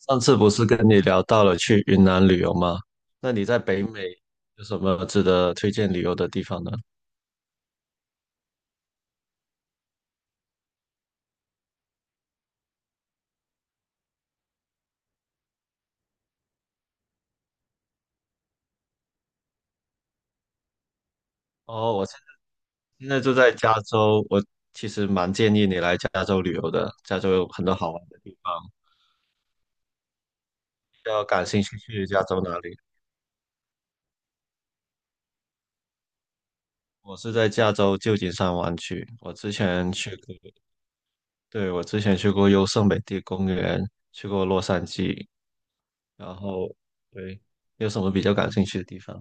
上次不是跟你聊到了去云南旅游吗？那你在北美有什么值得推荐旅游的地方呢？哦，我现在住在加州，我其实蛮建议你来加州旅游的。加州有很多好玩的地方，比较感兴趣去加州哪里？我是在加州旧金山湾区，我之前去过，对，我之前去过优胜美地公园，去过洛杉矶，然后对，有什么比较感兴趣的地方？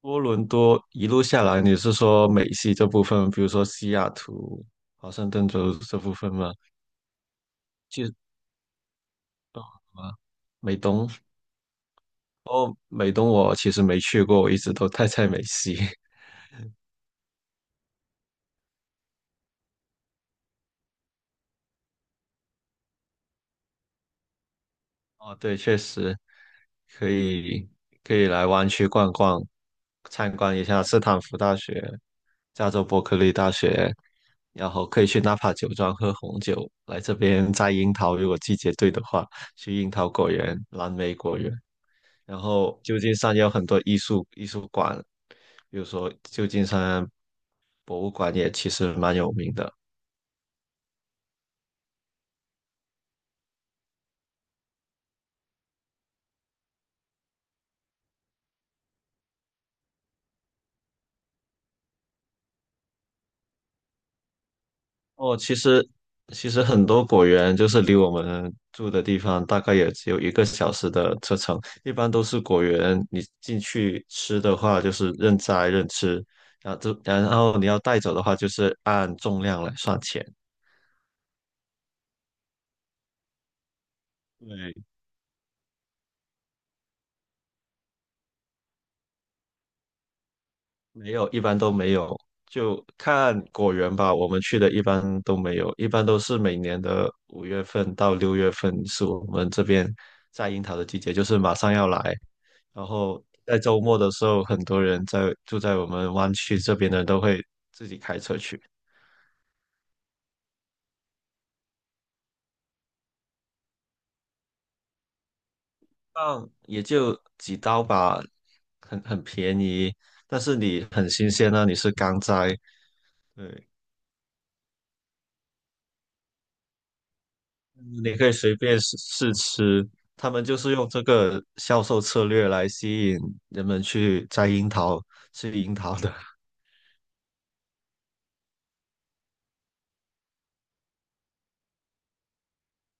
多伦多一路下来，你是说美西这部分，比如说西雅图、华盛顿州这部分吗？去什么美东？哦，美东我其实没去过，我一直都待在美西。哦，对，确实可以来湾区逛逛，参观一下斯坦福大学、加州伯克利大学，然后可以去纳帕酒庄喝红酒。来这边摘樱桃，如果季节对的话，去樱桃果园、蓝莓果园。然后旧金山也有很多艺术馆，比如说旧金山博物馆也其实蛮有名的。哦，其实很多果园就是离我们住的地方大概也只有一个小时的车程，一般都是果园，你进去吃的话就是任摘任吃，然后就你要带走的话就是按重量来算钱。对，没有，一般都没有，就看果园吧。我们去的一般都没有，一般都是每年的5月份到6月份是我们这边摘樱桃的季节，就是马上要来。然后在周末的时候，很多人住在我们湾区这边的都会放，也就几刀吧，很便宜，但是你很新鲜啊，你是刚摘，对。你可以随便试试吃。他们就是用这个销售策略来吸引人们去摘樱桃、吃樱桃的。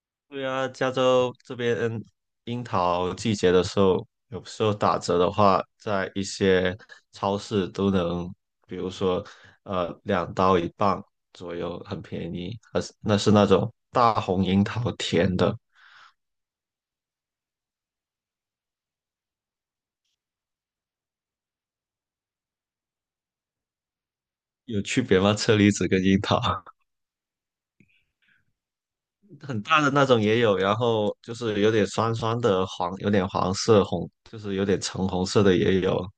对啊，加州这边樱桃季节的时候，有时候打折的话，在一些超市都能，比如说两刀一磅左右，很便宜。而是那是那种大红樱桃，甜的，有区别吗？车厘子跟樱桃？很大的那种也有，然后就是有点酸酸的黄，有点黄色红，就是有点橙红色的也有。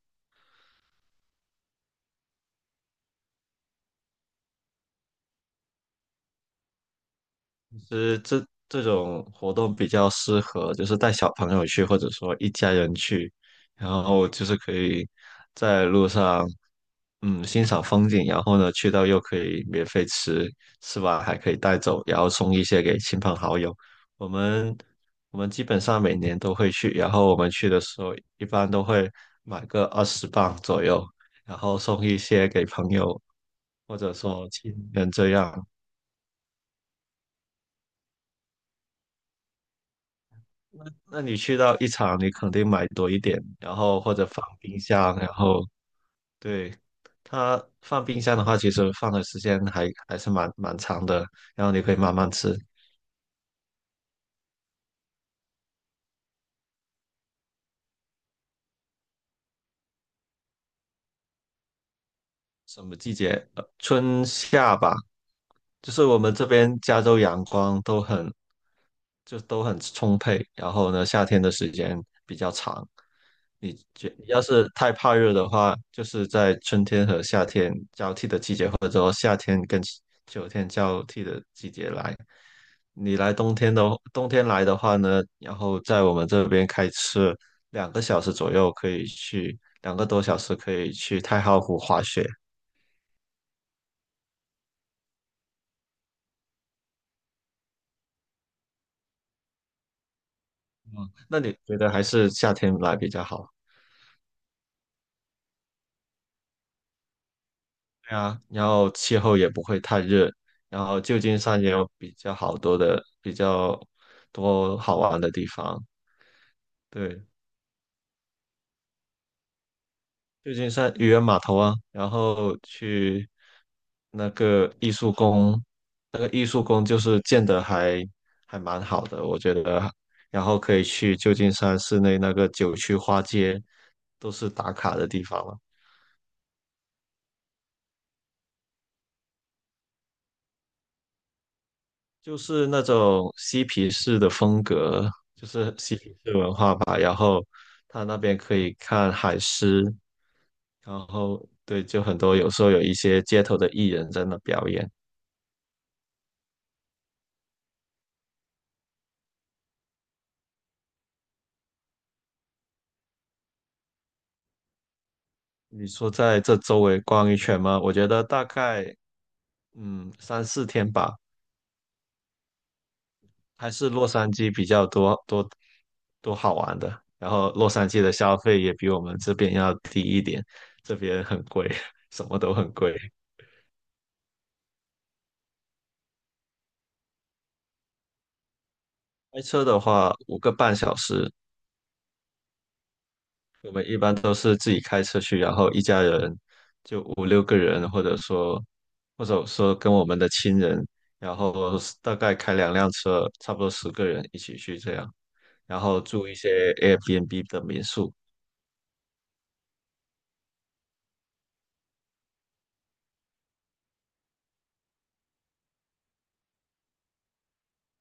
其实这种活动比较适合，就是带小朋友去，或者说一家人去，然后就是可以在路上，嗯，欣赏风景，然后呢，去到又可以免费吃，吃完还可以带走，然后送一些给亲朋好友。我们基本上每年都会去，然后我们去的时候一般都会买个20磅左右，然后送一些给朋友或者说亲人这样。那那你去到一场，你肯定买多一点，然后或者放冰箱，然后对它放冰箱的话，其实放的时间还是蛮长的，然后你可以慢慢吃。什么季节？春夏吧，就是我们这边加州阳光都很都很充沛，然后呢，夏天的时间比较长。你觉要是太怕热的话，就是在春天和夏天交替的季节，或者说夏天跟秋天交替的季节来。你来冬天的来的话呢，然后在我们这边开车2个小时左右可以去，2个多小时可以去太浩湖滑雪。那你觉得还是夏天来比较好？对啊，然后气候也不会太热，然后旧金山也有比较好多的、比较多好玩的地方。对，旧金山渔人码头啊，然后去那个艺术宫，那个艺术宫就是建的还蛮好的，我觉得。然后可以去旧金山市内那个九曲花街，都是打卡的地方了。就是那种嬉皮士的风格，就是嬉皮士文化吧。然后他那边可以看海狮，然后对，就很多有时候有一些街头的艺人在那表演。你说在这周围逛一圈吗？我觉得大概3、4天吧，还是洛杉矶比较多好玩的。然后洛杉矶的消费也比我们这边要低一点，这边很贵，什么都很贵。开车的话，5个半小时，我们一般都是自己开车去，然后一家人5、6个人，或者说，跟我们的亲人，然后大概开2辆车，差不多10个人一起去这样，然后住一些 Airbnb 的民宿，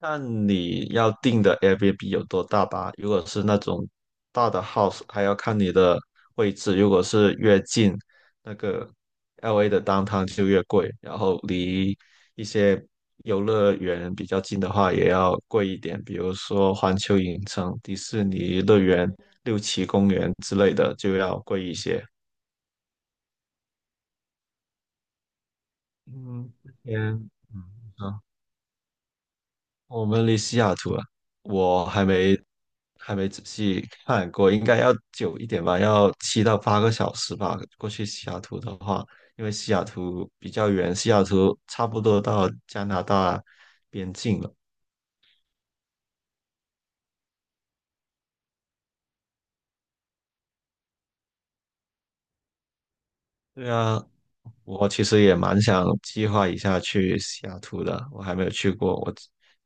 看你要订的 Airbnb 有多大吧。如果是那种大的 house,还要看你的位置。如果是越近那个 LA 的 downtown 就越贵，然后离一些游乐园比较近的话也要贵一点，比如说环球影城、迪士尼乐园、六旗公园之类的就要贵一些。嗯，嗯，我们离西雅图啊，我还没仔细看过，应该要久一点吧，要7到8个小时吧。过去西雅图的话，因为西雅图比较远，西雅图差不多到加拿大边境了。对啊，我其实也蛮想计划一下去西雅图的，我还没有去过。我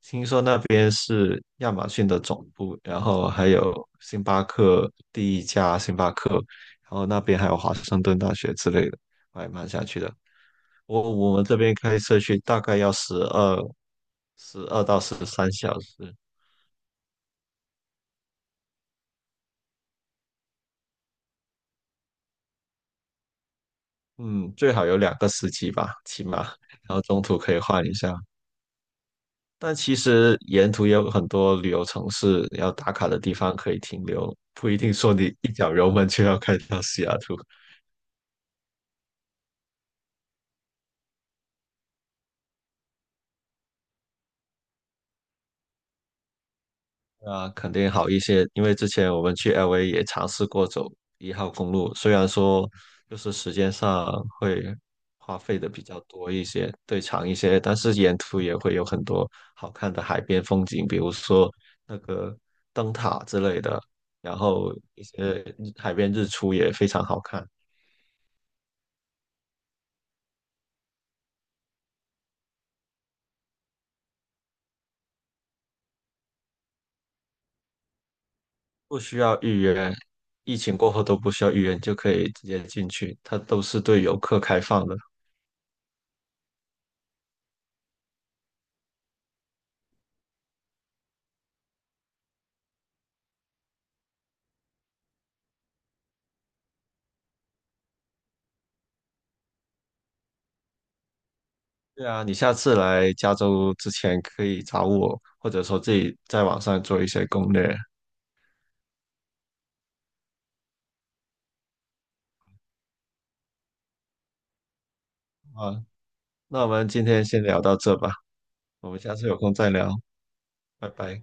听说那边是亚马逊的总部，然后还有星巴克第一家星巴克，然后那边还有华盛顿大学之类的，我还蛮想去的。我们这边开车去大概要十二到十三小时，嗯，最好有2个司机吧，起码，然后中途可以换一下。但其实沿途也有很多旅游城市要打卡的地方可以停留，不一定说你一脚油门就要开到西雅图，啊，肯定好一些。因为之前我们去 LA 也尝试过走1号公路，虽然说就是时间上会花费的比较多一些，对长一些，但是沿途也会有很多好看的海边风景，比如说那个灯塔之类的，然后一些海边日出也非常好看。不需要预约，疫情过后都不需要预约，你就可以直接进去，它都是对游客开放的。对啊，你下次来加州之前可以找我，或者说自己在网上做一些攻略。啊，那我们今天先聊到这吧，我们下次有空再聊，拜拜。